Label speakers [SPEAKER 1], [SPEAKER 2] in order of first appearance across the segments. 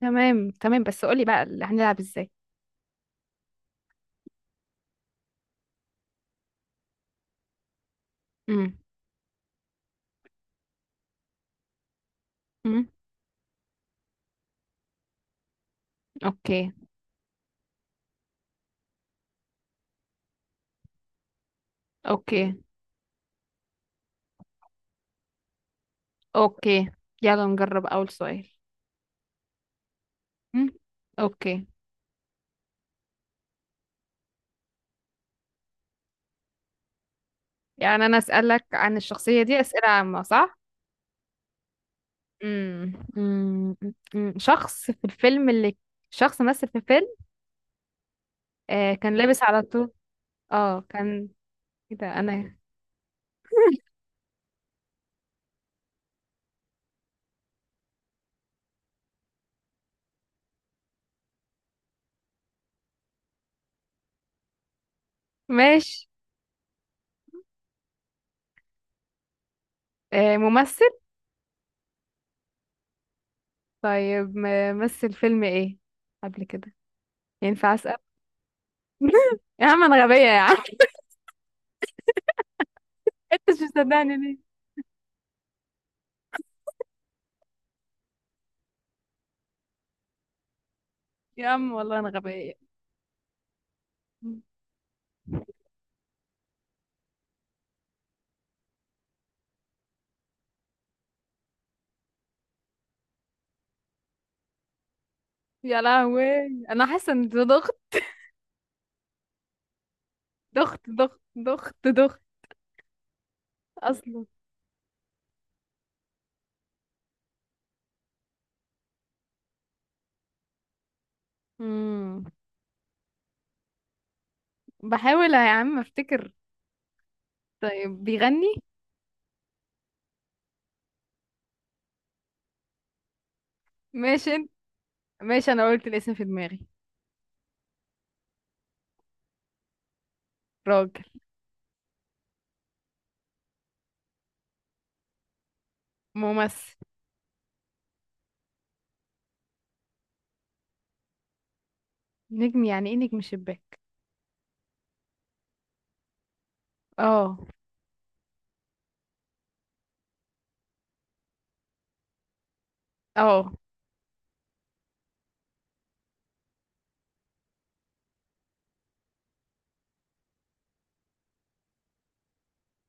[SPEAKER 1] تمام تمام، بس قولي بقى اللي هنلعب ازاي؟ امم امم اوكي، اوكي، اوكي. يلا نجرب اول سؤال. امم اوكي. يعني انا اسالك عن الشخصيه دي اسئله عامه، صح؟ امم امم أمم. شخص في الفيلم اللي، شخص مثل في فيلم. آه، كان لابس على طول. اه، كان كده انا. ماشي. آه، ممثل. طيب، مثل فيلم ايه قبل كده؟ ينفع اسأل؟ يا عم انا غبية يا عم. انت مش مصدقني؟ يا عم والله انا غبية. يا لهوي، انا حاسة ان ده ضغط. ضغط ضغط ضغط ضغط اصلا. امم بحاول يا عم افتكر. طيب، بيغني؟ ماشي انت. ماشي، انا قلت الاسم في دماغي. راجل. ممثل. نجم؟ يعني ايه نجم شباك؟ اه. اه.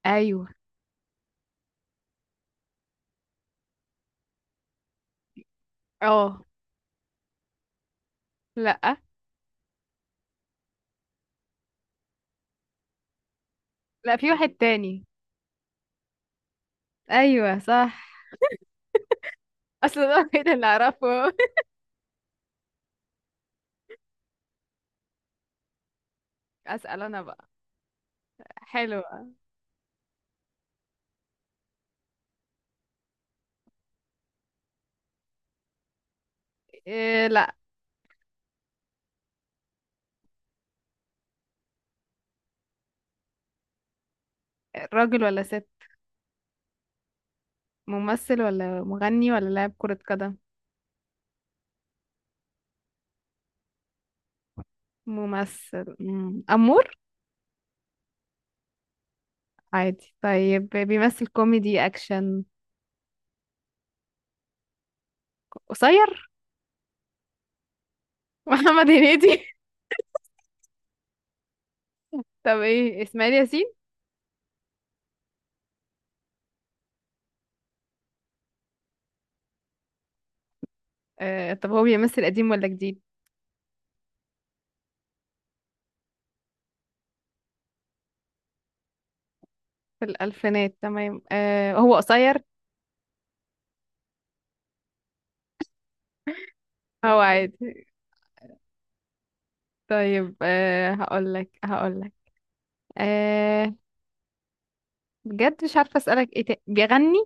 [SPEAKER 1] ايوه. اه. لا، لا، في واحد تاني. ايوه، صح. اصلا ده الوحيد اللي اعرفه. اسال انا بقى. حلو. إيه؟ لا. راجل ولا ست؟ ممثل ولا مغني ولا لاعب كرة قدم؟ ممثل. مم. أمور. عادي. طيب، بيمثل كوميدي أكشن؟ قصير. محمد هنيدي؟ طب إيه، إسماعيل ياسين؟ آه، طب هو بيمثل قديم ولا جديد؟ في الألفينات، تمام. آه، هو قصير؟ هو عادي؟ طيب، آه هقولك هقولك آه بجد مش عارفة أسألك إيه تاني. بيغني؟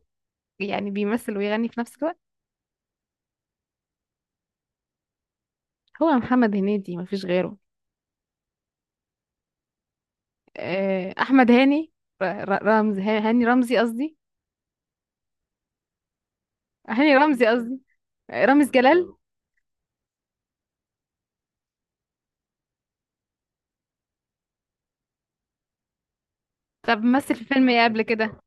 [SPEAKER 1] يعني بيمثل ويغني في نفس الوقت؟ هو محمد هنيدي، مفيش غيره. آه، أحمد هاني، ر- ر- رمز هاني رمزي قصدي. هاني رمزي قصدي. رامز جلال. طب مثل في فيلم ايه قبل كده؟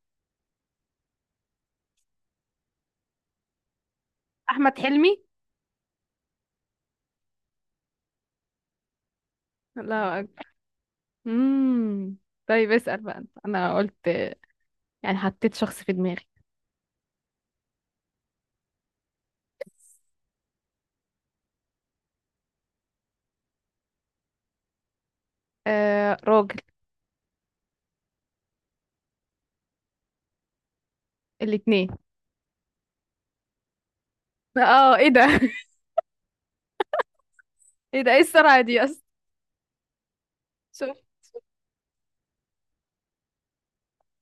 [SPEAKER 1] احمد حلمي. لا أكبر. امم طيب، اسال بقى أنت. انا قلت، يعني حطيت شخص في دماغي. آه، راجل. الاتنين. اه، ايه ده؟ ايه ده؟ ايه السرعه دي اصلا؟ شوف.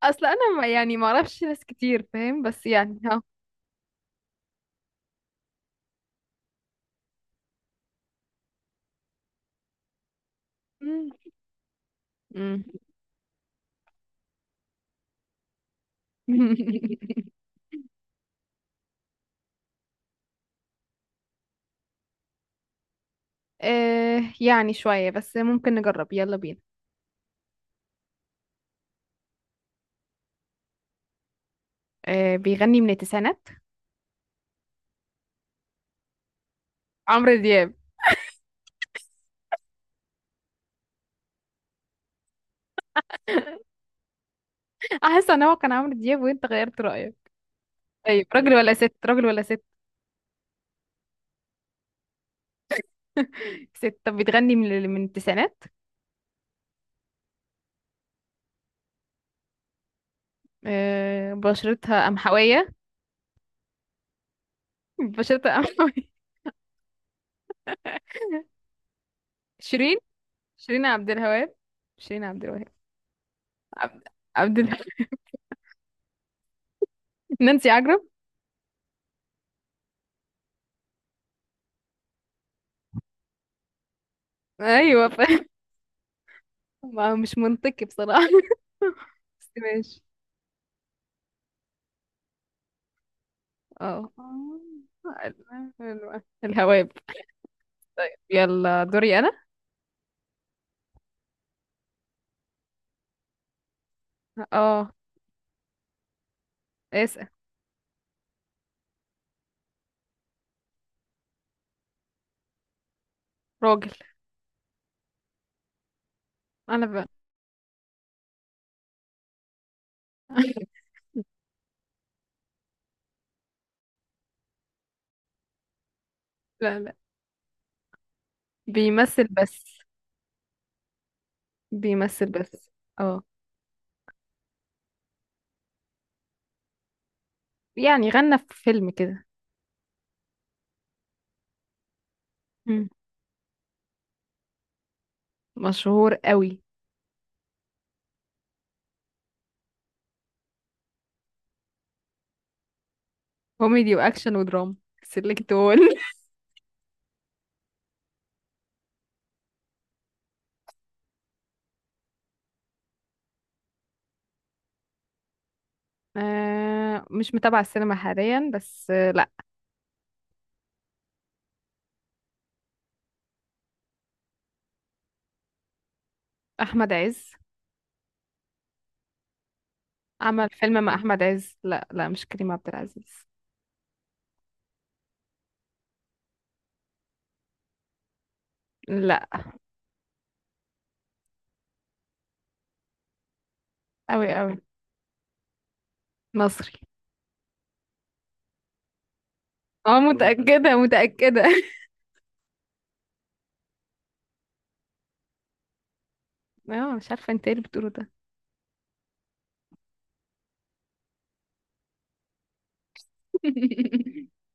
[SPEAKER 1] اصل انا ما يعني ما اعرفش ناس كتير، فاهم؟ بس يعني، ها. مم. مم. آه، يعني شويه، بس ممكن نجرب. يلا بينا. آه، بيغني من التسعينات. عمرو دياب. احس ان هو كان عمرو دياب وانت غيرت رايك. ايوه. راجل ولا ست؟ راجل ولا ست؟ ست. طب بتغني من التسعينات؟ بشرتها قمحوية. بشرتها قمحوية. شيرين. شيرين عبد الوهاب. شيرين عبد الوهاب. عبد, عبد ال... نانسي عجرم. ايوه، مش منطقي بصراحة. بس ماشي. اه. حلوة. الهواب. يلا دوري انا. اه. اسأل. راجل. انا بقى. لا، لا. بيمثل بس. بيمثل بس. اه، يعني غنى في فيلم كده. مشهور قوي. كوميدي واكشن ودراما. سيلكت اول. مش متابعة السينما حاليا، بس لا. احمد عز. عمل فيلم مع احمد عز، لا لا مش كريم عبد العزيز. لا. قوي قوي. مصري. اه، متأكدة متأكدة. اه، مش عارفة انت ايه اللي بتقوله ده.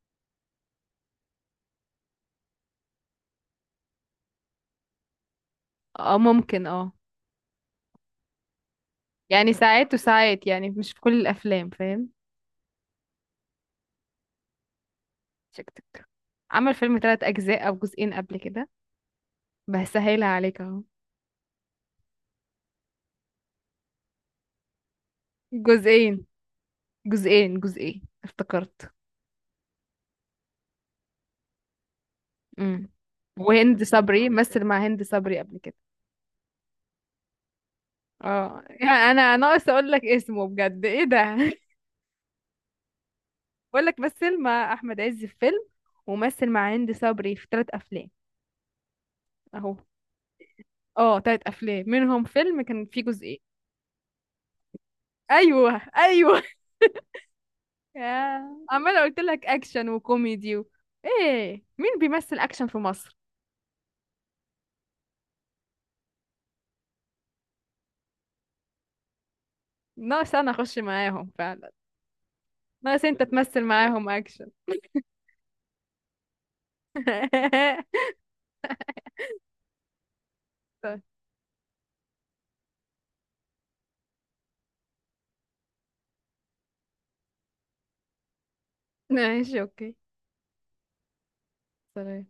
[SPEAKER 1] اه، ممكن اه. يعني ساعات وساعات، يعني مش في كل الافلام، فاهم؟ شكتك. عمل فيلم ثلاث اجزاء او جزئين قبل كده. بسهلها عليك اهو. جزئين، جزئين افتكرت. امم وهند صبري، مثل مع هند صبري قبل كده. اه يعني، انا ناقص اقول لك اسمه بجد، ايه ده؟ بقول لك مثل مع احمد عز في فيلم، ومثل مع هند صبري في ثلاث افلام. اهو. اه، ثلاث افلام منهم فيلم كان فيه جزئين. ايوه، ايوه. يا عماله قلت لك اكشن وكوميدي ايه مين بيمثل اكشن في مصر؟ ناقص انا اخش معاهم فعلا. ناقص انت تمثل معاهم اكشن. ماشي اوكي. سلام.